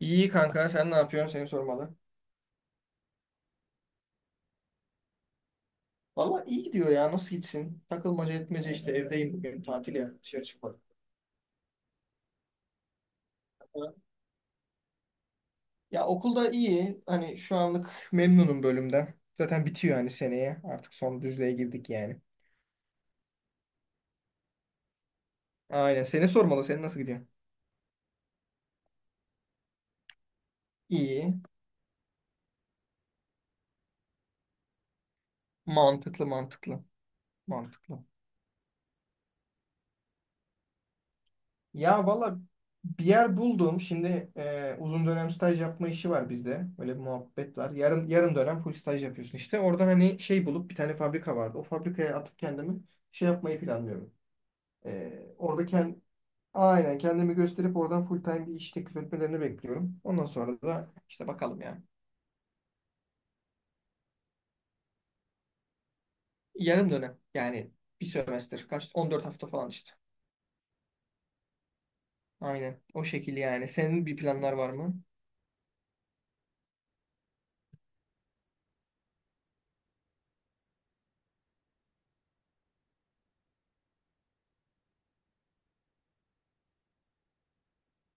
İyi kanka sen ne yapıyorsun seni sormalı. Valla iyi gidiyor ya nasıl gitsin? Takılmaca etmece işte evdeyim bugün tatil ya dışarı çıkmadım. Ya okulda iyi hani şu anlık memnunum bölümden. Zaten bitiyor yani seneye artık son düzlüğe girdik yani. Aynen seni sormalı senin nasıl gidiyor? İyi mantıklı mantıklı mantıklı. Ya valla bir yer buldum. Şimdi uzun dönem staj yapma işi var bizde. Böyle bir muhabbet var. Yarım yarım dönem full staj yapıyorsun işte. Oradan hani şey bulup bir tane fabrika vardı. O fabrikaya atıp kendimi şey yapmayı planlıyorum. E, orada kend, aynen kendimi gösterip oradan full time bir iş teklif etmelerini bekliyorum. Ondan sonra da işte bakalım ya. Yarım dönem yani bir sömestr kaç 14 hafta falan işte. Aynen o şekilde yani. Senin bir planlar var mı?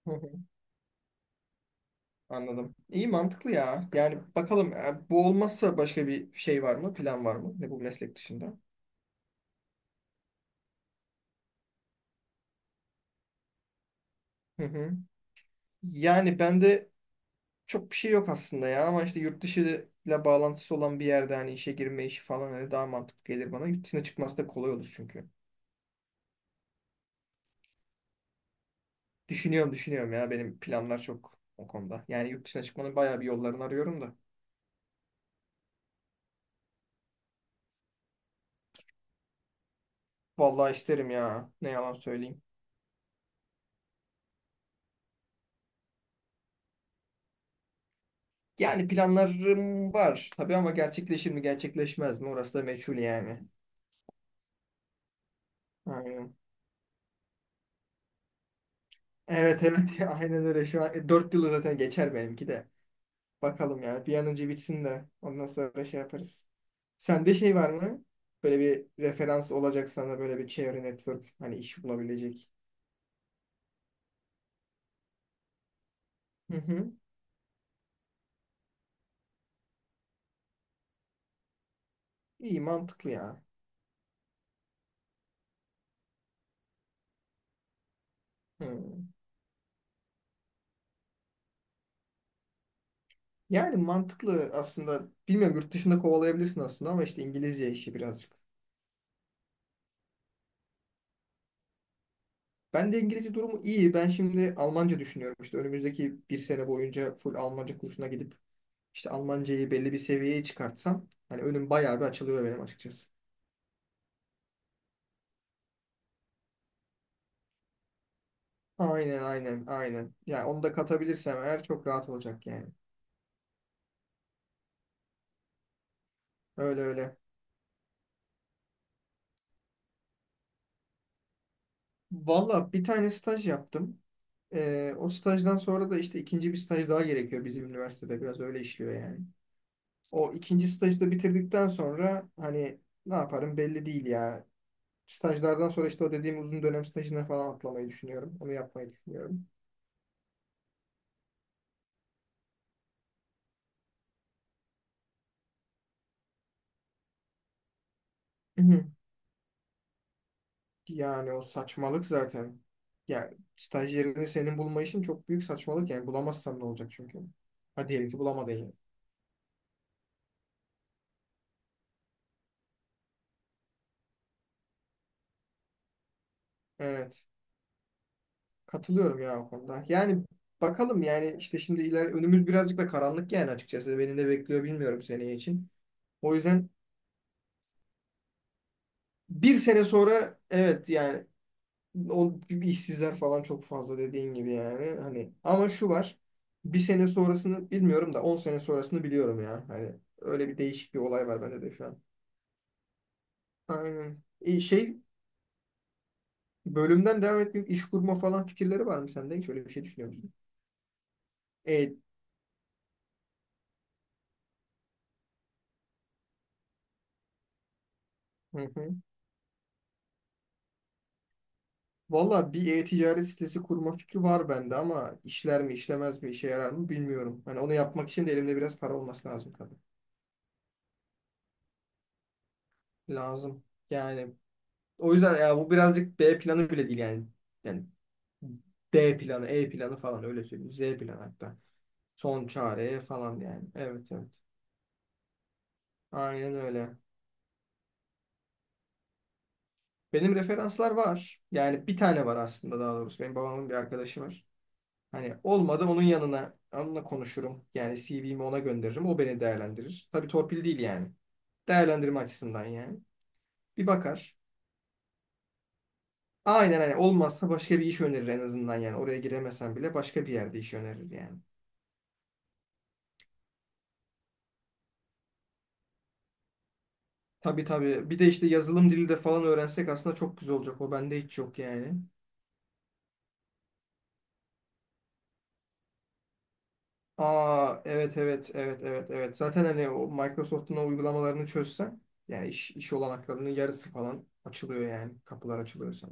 Hı hı, anladım. İyi mantıklı ya. Yani bakalım bu olmazsa başka bir şey var mı? Plan var mı? Ne bu meslek dışında? Hı hı. Yani bende çok bir şey yok aslında ya ama işte yurt dışı ile bağlantısı olan bir yerde hani işe girme işi falan hani daha mantıklı gelir bana. Yurt dışına çıkması da kolay olur çünkü. Düşünüyorum düşünüyorum ya benim planlar çok o konuda. Yani yurt dışına çıkmanın bayağı bir yollarını arıyorum da. Vallahi isterim ya. Ne yalan söyleyeyim. Yani planlarım var tabii ama gerçekleşir mi gerçekleşmez mi orası da meçhul yani. Aynen. Evet evet aynen öyle şu an. 4 yılı zaten geçer benimki de. Bakalım yani bir an önce bitsin de ondan sonra şey yaparız. Sende şey var mı? Böyle bir referans olacak sana böyle bir çevre network hani iş bulabilecek. Hı hı. İyi mantıklı ya. Hı. Yani mantıklı aslında. Bilmiyorum yurt dışında kovalayabilirsin aslında ama işte İngilizce işi birazcık. Ben de İngilizce durumu iyi. Ben şimdi Almanca düşünüyorum. İşte önümüzdeki bir sene boyunca full Almanca kursuna gidip işte Almancayı belli bir seviyeye çıkartsam hani önüm bayağı bir açılıyor benim açıkçası. Aynen aynen aynen. Yani onu da katabilirsem eğer çok rahat olacak yani. Öyle öyle. Valla bir tane staj yaptım. O stajdan sonra da işte ikinci bir staj daha gerekiyor bizim üniversitede. Biraz öyle işliyor yani. O ikinci stajı da bitirdikten sonra hani ne yaparım belli değil ya. Stajlardan sonra işte o dediğim uzun dönem stajına falan atlamayı düşünüyorum. Onu yapmayı düşünüyorum. Hı hı. Yani o saçmalık zaten. Yani staj yerini senin bulma işin çok büyük saçmalık yani. Bulamazsan ne olacak çünkü. Hadi diyelim ki bulamadın yani. Evet. Katılıyorum ya o konuda. Yani bakalım yani işte şimdi iler önümüz birazcık da karanlık yani açıkçası. Beni ne bekliyor bilmiyorum seneye için. O yüzden bir sene sonra evet yani o gibi işsizler falan çok fazla dediğin gibi yani. Hani ama şu var. Bir sene sonrasını bilmiyorum da 10 sene sonrasını biliyorum ya. Hani öyle bir değişik bir olay var bende de şu an. Aynen. Bölümden devam etmek iş kurma falan fikirleri var mı sende? Hiç öyle bir şey düşünüyor musun? E, hı hı. Valla bir e-ticaret sitesi kurma fikri var bende ama işler mi işlemez mi işe yarar mı bilmiyorum. Hani onu yapmak için de elimde biraz para olması lazım tabii. Lazım. Yani o yüzden ya bu birazcık B planı bile değil yani. Yani D planı, E planı falan öyle söyleyeyim. Z planı hatta. Son çare falan yani. Evet evet. Aynen öyle. Benim referanslar var. Yani bir tane var aslında daha doğrusu. Benim babamın bir arkadaşı var. Hani olmadı onun yanına onunla konuşurum. Yani CV'mi ona gönderirim. O beni değerlendirir. Tabii torpil değil yani. Değerlendirme açısından yani. Bir bakar. Aynen hani olmazsa başka bir iş önerir en azından yani. Oraya giremesen bile başka bir yerde iş önerir yani. Tabii tabii. Bir de işte yazılım dili de falan öğrensek aslında çok güzel olacak. O bende hiç yok yani. Aa evet evet evet evet evet. Zaten hani o Microsoft'un o uygulamalarını çözsen yani iş olanaklarının yarısı falan açılıyor yani. Kapılar açılıyor sana.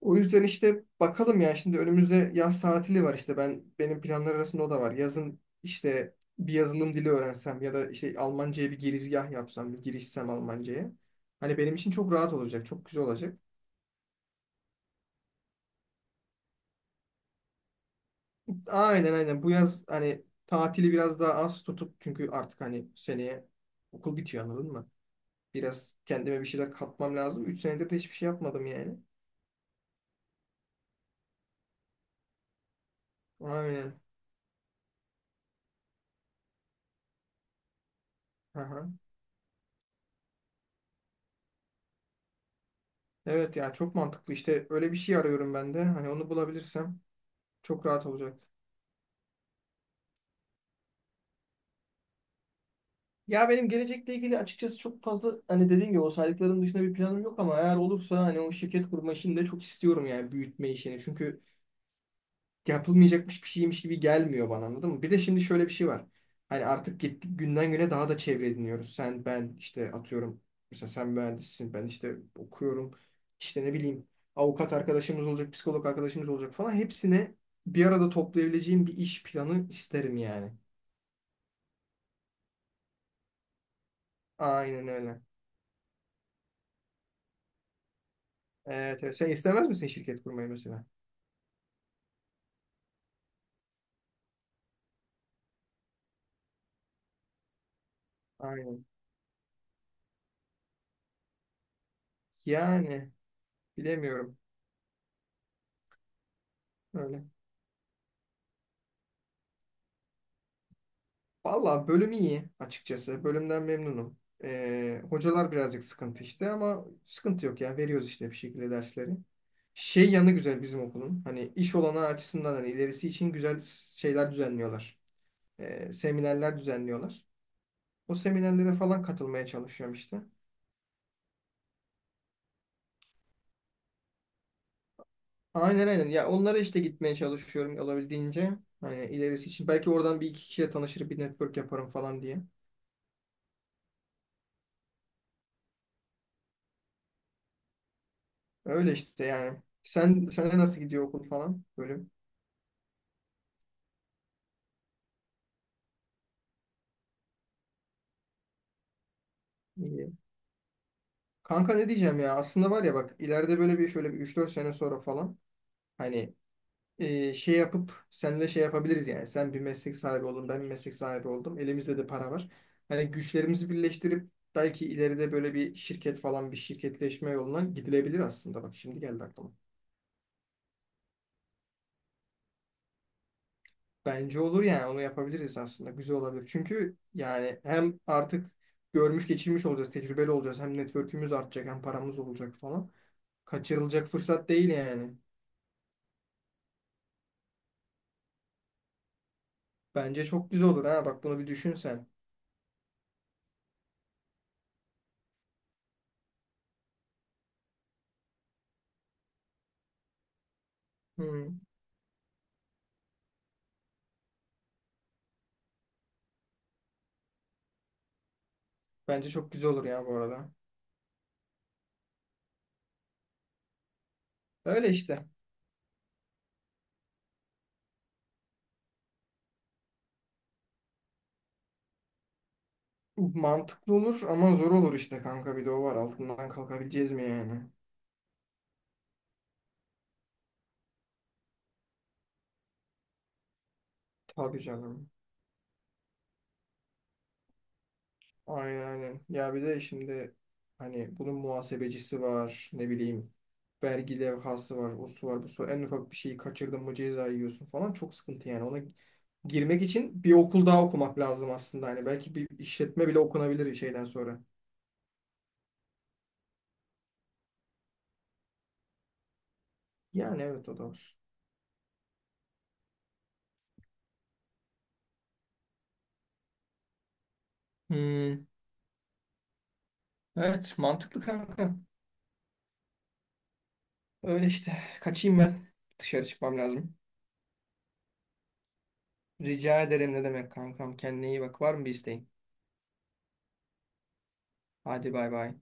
O yüzden işte bakalım ya şimdi önümüzde yaz tatili var işte benim planlar arasında o da var. Yazın işte bir yazılım dili öğrensem ya da işte Almanca'ya bir girizgah yapsam, bir girişsem Almanca'ya. Hani benim için çok rahat olacak, çok güzel olacak. Aynen aynen. Bu yaz hani tatili biraz daha az tutup çünkü artık hani seneye okul bitiyor anladın mı? Biraz kendime bir şeyler katmam lazım. 3 senedir de hiçbir şey yapmadım yani. Aynen. Aha. Evet ya çok mantıklı. İşte öyle bir şey arıyorum ben de. Hani onu bulabilirsem çok rahat olacak. Ya benim gelecekle ilgili açıkçası çok fazla hani dediğim gibi o saydıklarım dışında bir planım yok ama eğer olursa hani o şirket kurma işini de çok istiyorum yani büyütme işini. Çünkü yapılmayacakmış bir şeymiş gibi gelmiyor bana anladın mı? Bir de şimdi şöyle bir şey var. Hani artık gittik günden güne daha da çevre ediniyoruz. Sen ben işte atıyorum mesela sen mühendissin ben işte okuyorum işte ne bileyim avukat arkadaşımız olacak psikolog arkadaşımız olacak falan hepsine bir arada toplayabileceğim bir iş planı isterim yani. Aynen öyle. Evet, evet. Sen istemez misin şirket kurmayı mesela? Aynen. Yani bilemiyorum. Öyle. Valla bölüm iyi açıkçası. Bölümden memnunum. Hocalar birazcık sıkıntı işte ama sıkıntı yok ya. Veriyoruz işte bir şekilde dersleri. Şey yanı güzel bizim okulun. Hani iş olanağı açısından hani ilerisi için güzel şeyler düzenliyorlar. Seminerler düzenliyorlar. O seminerlere falan katılmaya çalışıyorum işte. Aynen aynen. Ya onlara işte gitmeye çalışıyorum olabildiğince. Hani ilerisi için. Belki oradan bir iki kişiye tanışır bir network yaparım falan diye. Öyle işte yani. Sene nasıl gidiyor okul falan? Bölüm. Kanka ne diyeceğim ya aslında var ya bak ileride böyle bir şöyle bir 3 4 sene sonra falan hani şey yapıp seninle şey yapabiliriz yani sen bir meslek sahibi oldun ben bir meslek sahibi oldum elimizde de para var. Hani güçlerimizi birleştirip belki ileride böyle bir şirket falan bir şirketleşme yoluna gidilebilir aslında bak şimdi geldi aklıma. Bence olur yani onu yapabiliriz aslında güzel olabilir. Çünkü yani hem artık görmüş geçirmiş olacağız tecrübeli olacağız hem network'ümüz artacak hem paramız olacak falan. Kaçırılacak fırsat değil yani. Bence çok güzel olur ha. Bak bunu bir düşünsen. Hmm. Bence çok güzel olur ya bu arada. Öyle işte. Mantıklı olur ama zor olur işte kanka. Bir de o var. Altından kalkabileceğiz mi yani? Tabii canım. Aynen aynen. Ya bir de şimdi hani bunun muhasebecisi var. Ne bileyim. Vergi levhası var. O su var. Bu su. En ufak bir şeyi kaçırdın mı ceza yiyorsun falan. Çok sıkıntı yani. Ona girmek için bir okul daha okumak lazım aslında. Hani belki bir işletme bile okunabilir şeyden sonra. Yani evet o da var. Hmm. Evet, mantıklı kanka. Öyle işte. Kaçayım ben. Dışarı çıkmam lazım. Rica ederim ne demek kankam. Kendine iyi bak. Var mı bir isteğin? Hadi bay bay.